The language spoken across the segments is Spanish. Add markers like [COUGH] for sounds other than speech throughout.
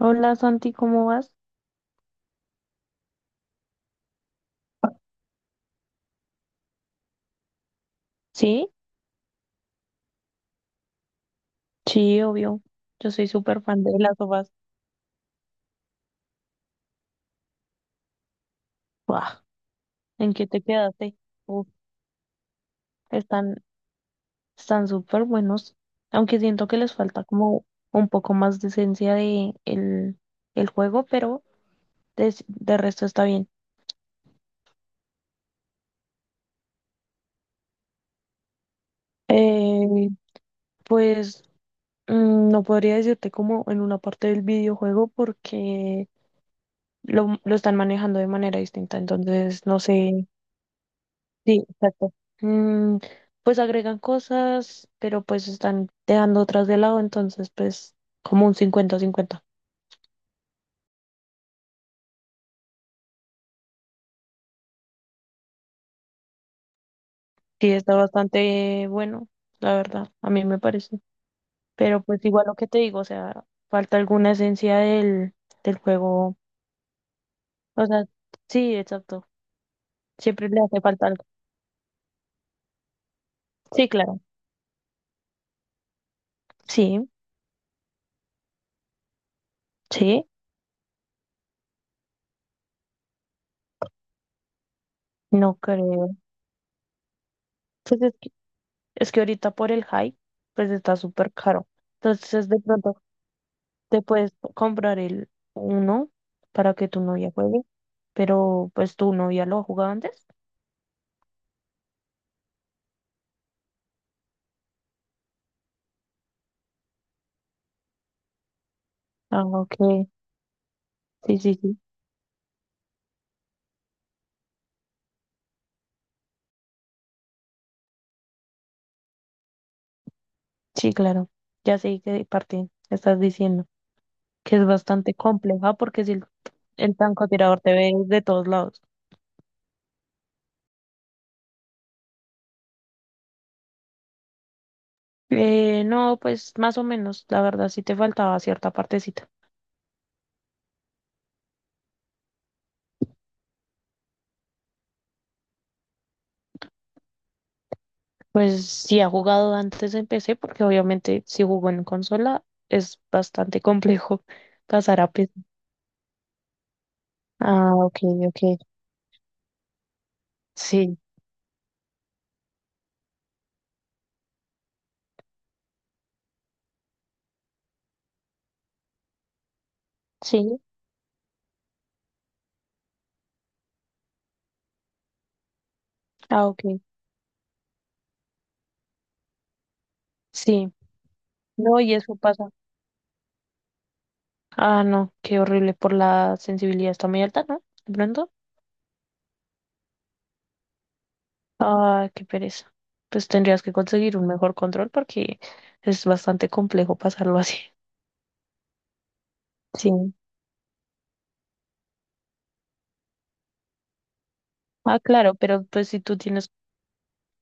Hola Santi, ¿cómo vas? Sí, sí, obvio. Yo soy súper fan de las sopas. Buah, ¿en qué te quedaste? Uf, están, están súper buenos. Aunque siento que les falta como un poco más de esencia de el juego, pero de resto está bien. Eh, pues no podría decirte como en una parte del videojuego porque lo están manejando de manera distinta. Entonces, no sé. Sí, exacto. Mm, pues agregan cosas, pero pues están dejando otras de lado, entonces pues como un cincuenta cincuenta. Sí, está bastante bueno, la verdad, a mí me parece. Pero pues igual lo que te digo, o sea, falta alguna esencia del juego. O sea, sí, exacto. Siempre le hace falta algo. Sí, claro. Sí, sí, no creo. Pues es que ahorita por el hype pues está súper caro. Entonces de pronto. Te puedes comprar el uno para que tu novia juegue, pero pues tu novia lo ha jugado antes. Ah, ok. Sí, sí, sí. Sí, claro. Ya sé qué parte estás diciendo, que es bastante compleja porque si el francotirador te ve de todos lados. No, pues más o menos, la verdad sí te faltaba cierta partecita. Pues si ha jugado antes en PC, porque obviamente si jugó en consola es bastante complejo [LAUGHS] pasar a PC. Ah, ok, ok. Sí, sí. Ah, ok. Sí. No, y eso pasa. Ah, no, qué horrible por la sensibilidad. Está muy alta, ¿no? De pronto. Ah, qué pereza. Pues tendrías que conseguir un mejor control porque es bastante complejo pasarlo así. [LAUGHS] Sí. Ah, claro, pero pues si tú tienes,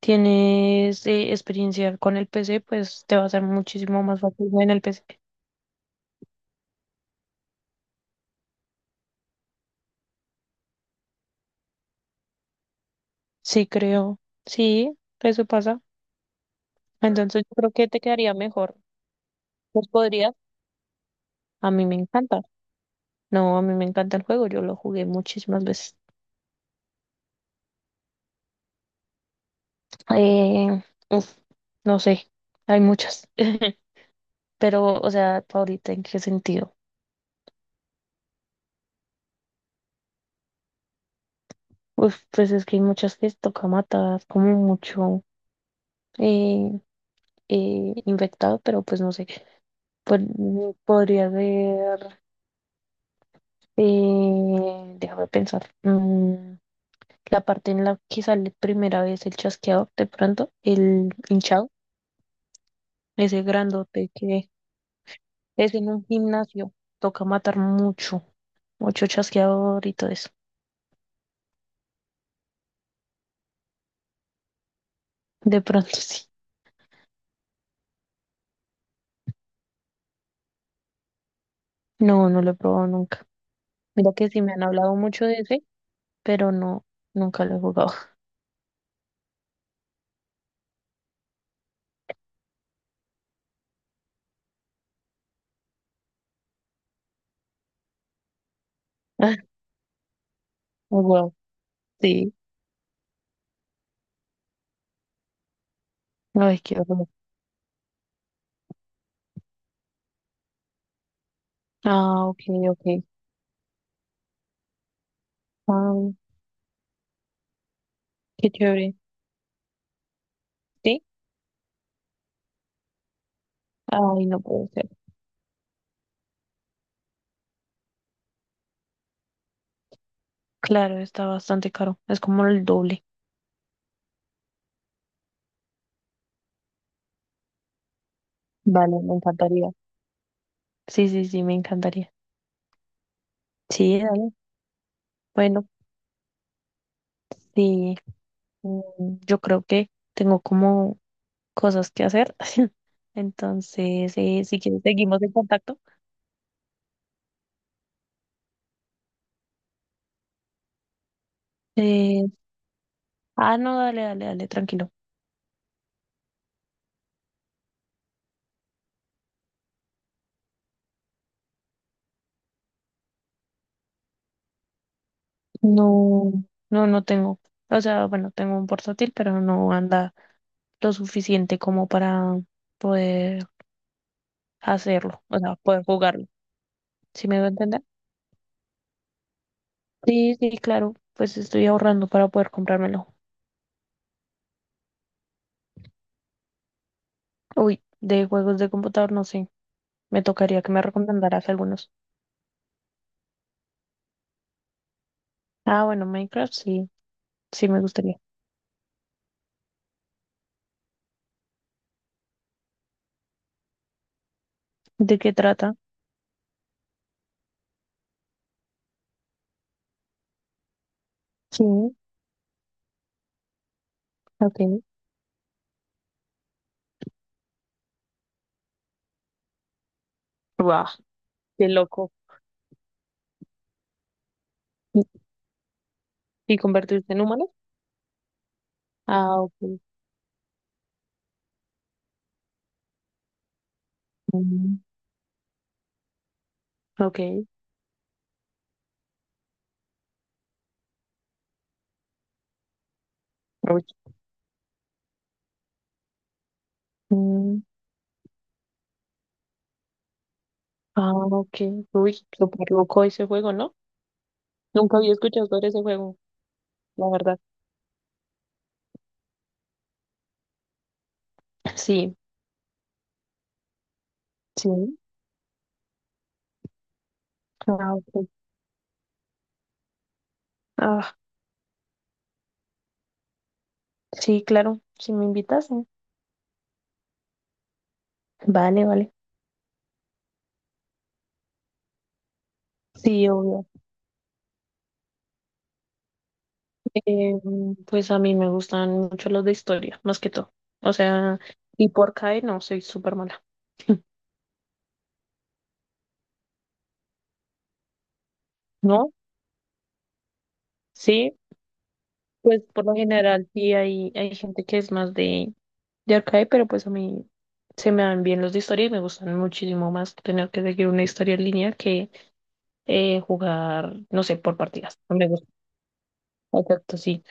tienes experiencia con el PC, pues te va a ser muchísimo más fácil en el PC. Sí, creo. Sí, eso pasa. Entonces yo creo que te quedaría mejor. Pues podrías. A mí me encanta. No, a mí me encanta el juego, yo lo jugué muchísimas veces. Eh, uf, no sé, hay muchas. [LAUGHS] Pero, o sea, ahorita ¿en qué sentido? Uf, pues es que hay muchas que toca matar, como mucho eh, infectado, pero pues no sé. Podría haber, déjame pensar, la parte en la que sale primera vez el chasqueador, de pronto, el hinchado, ese grandote que. Es en un gimnasio. Toca matar mucho, mucho chasqueador y todo eso. De pronto [LAUGHS] sí. No, no lo he probado nunca. Mira que sí me han hablado mucho de ese, pero no, nunca lo he jugado. [LAUGHS] Oh, wow, sí. Ay, qué horror. Ah, ok, ok. Ah, qué chévere. ¿Sí? Ay, no puede ser. Claro, está bastante caro. Es como el doble. Vale, me encantaría. Sí, sí, sí, me encantaría. Sí, dale. Bueno, sí. Yo creo que tengo como cosas que hacer. [LAUGHS] Entonces, si quieres, seguimos en contacto. Eh, ah, no, dale, dale, dale, tranquilo. No, no, no tengo. O sea, bueno, tengo un portátil, pero no anda lo suficiente como para poder hacerlo, o sea, poder jugarlo. ¿Sí me voy a entender? Sí, sí, claro. Pues estoy ahorrando para poder comprármelo. Uy, de juegos de computador, no sé. Me tocaría que me recomendaras algunos. Ah, bueno, Minecraft, sí, sí me gustaría. ¿De qué trata? Sí, ok. Wow. Qué loco. ¿Y y convertirse en humano? Ah, ok. Mm, ok. Uy. Mm, ah, ok. Uy, súper loco ese juego, ¿no? Nunca había escuchado sobre ese juego, la verdad. Sí, sí. Ah, ok. Ah, sí, claro. Si me invitas, sí. Vale, vale. Sí, obvio. Em, pues a mí me gustan mucho los de historia, más que todo. O sea, y por CAE no, soy súper mala. ¿No? Sí. Pues por lo general sí hay gente que es más de arcade, pero pues a mí se me dan bien los de historia y me gustan muchísimo más tener que seguir una historia en línea que jugar, no sé, por partidas. No me gusta. Exacto, sí.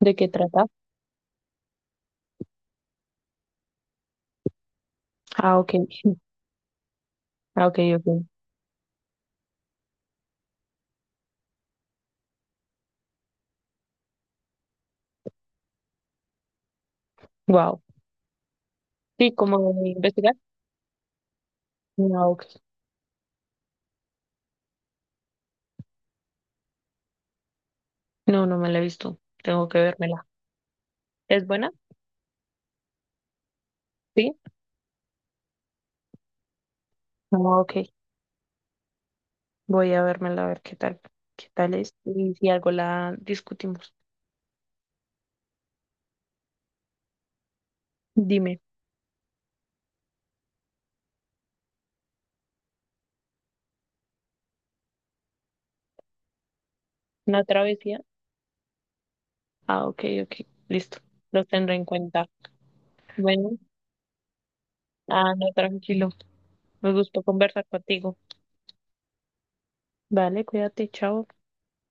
¿De qué trata? Ah, ok. [LAUGHS] Ah, ok, ok. Wow. Sí, como de investigar. No, ok. No, no me la he visto. Tengo que vérmela. ¿Es buena? Sí. No, ok. Voy a vérmela a ver qué tal es y si algo la discutimos. Dime, ¿una travesía? Ah, ok, ok. Listo. Lo tendré en cuenta. Bueno, ah, no, tranquilo. Me gustó conversar contigo. Vale, cuídate, chao.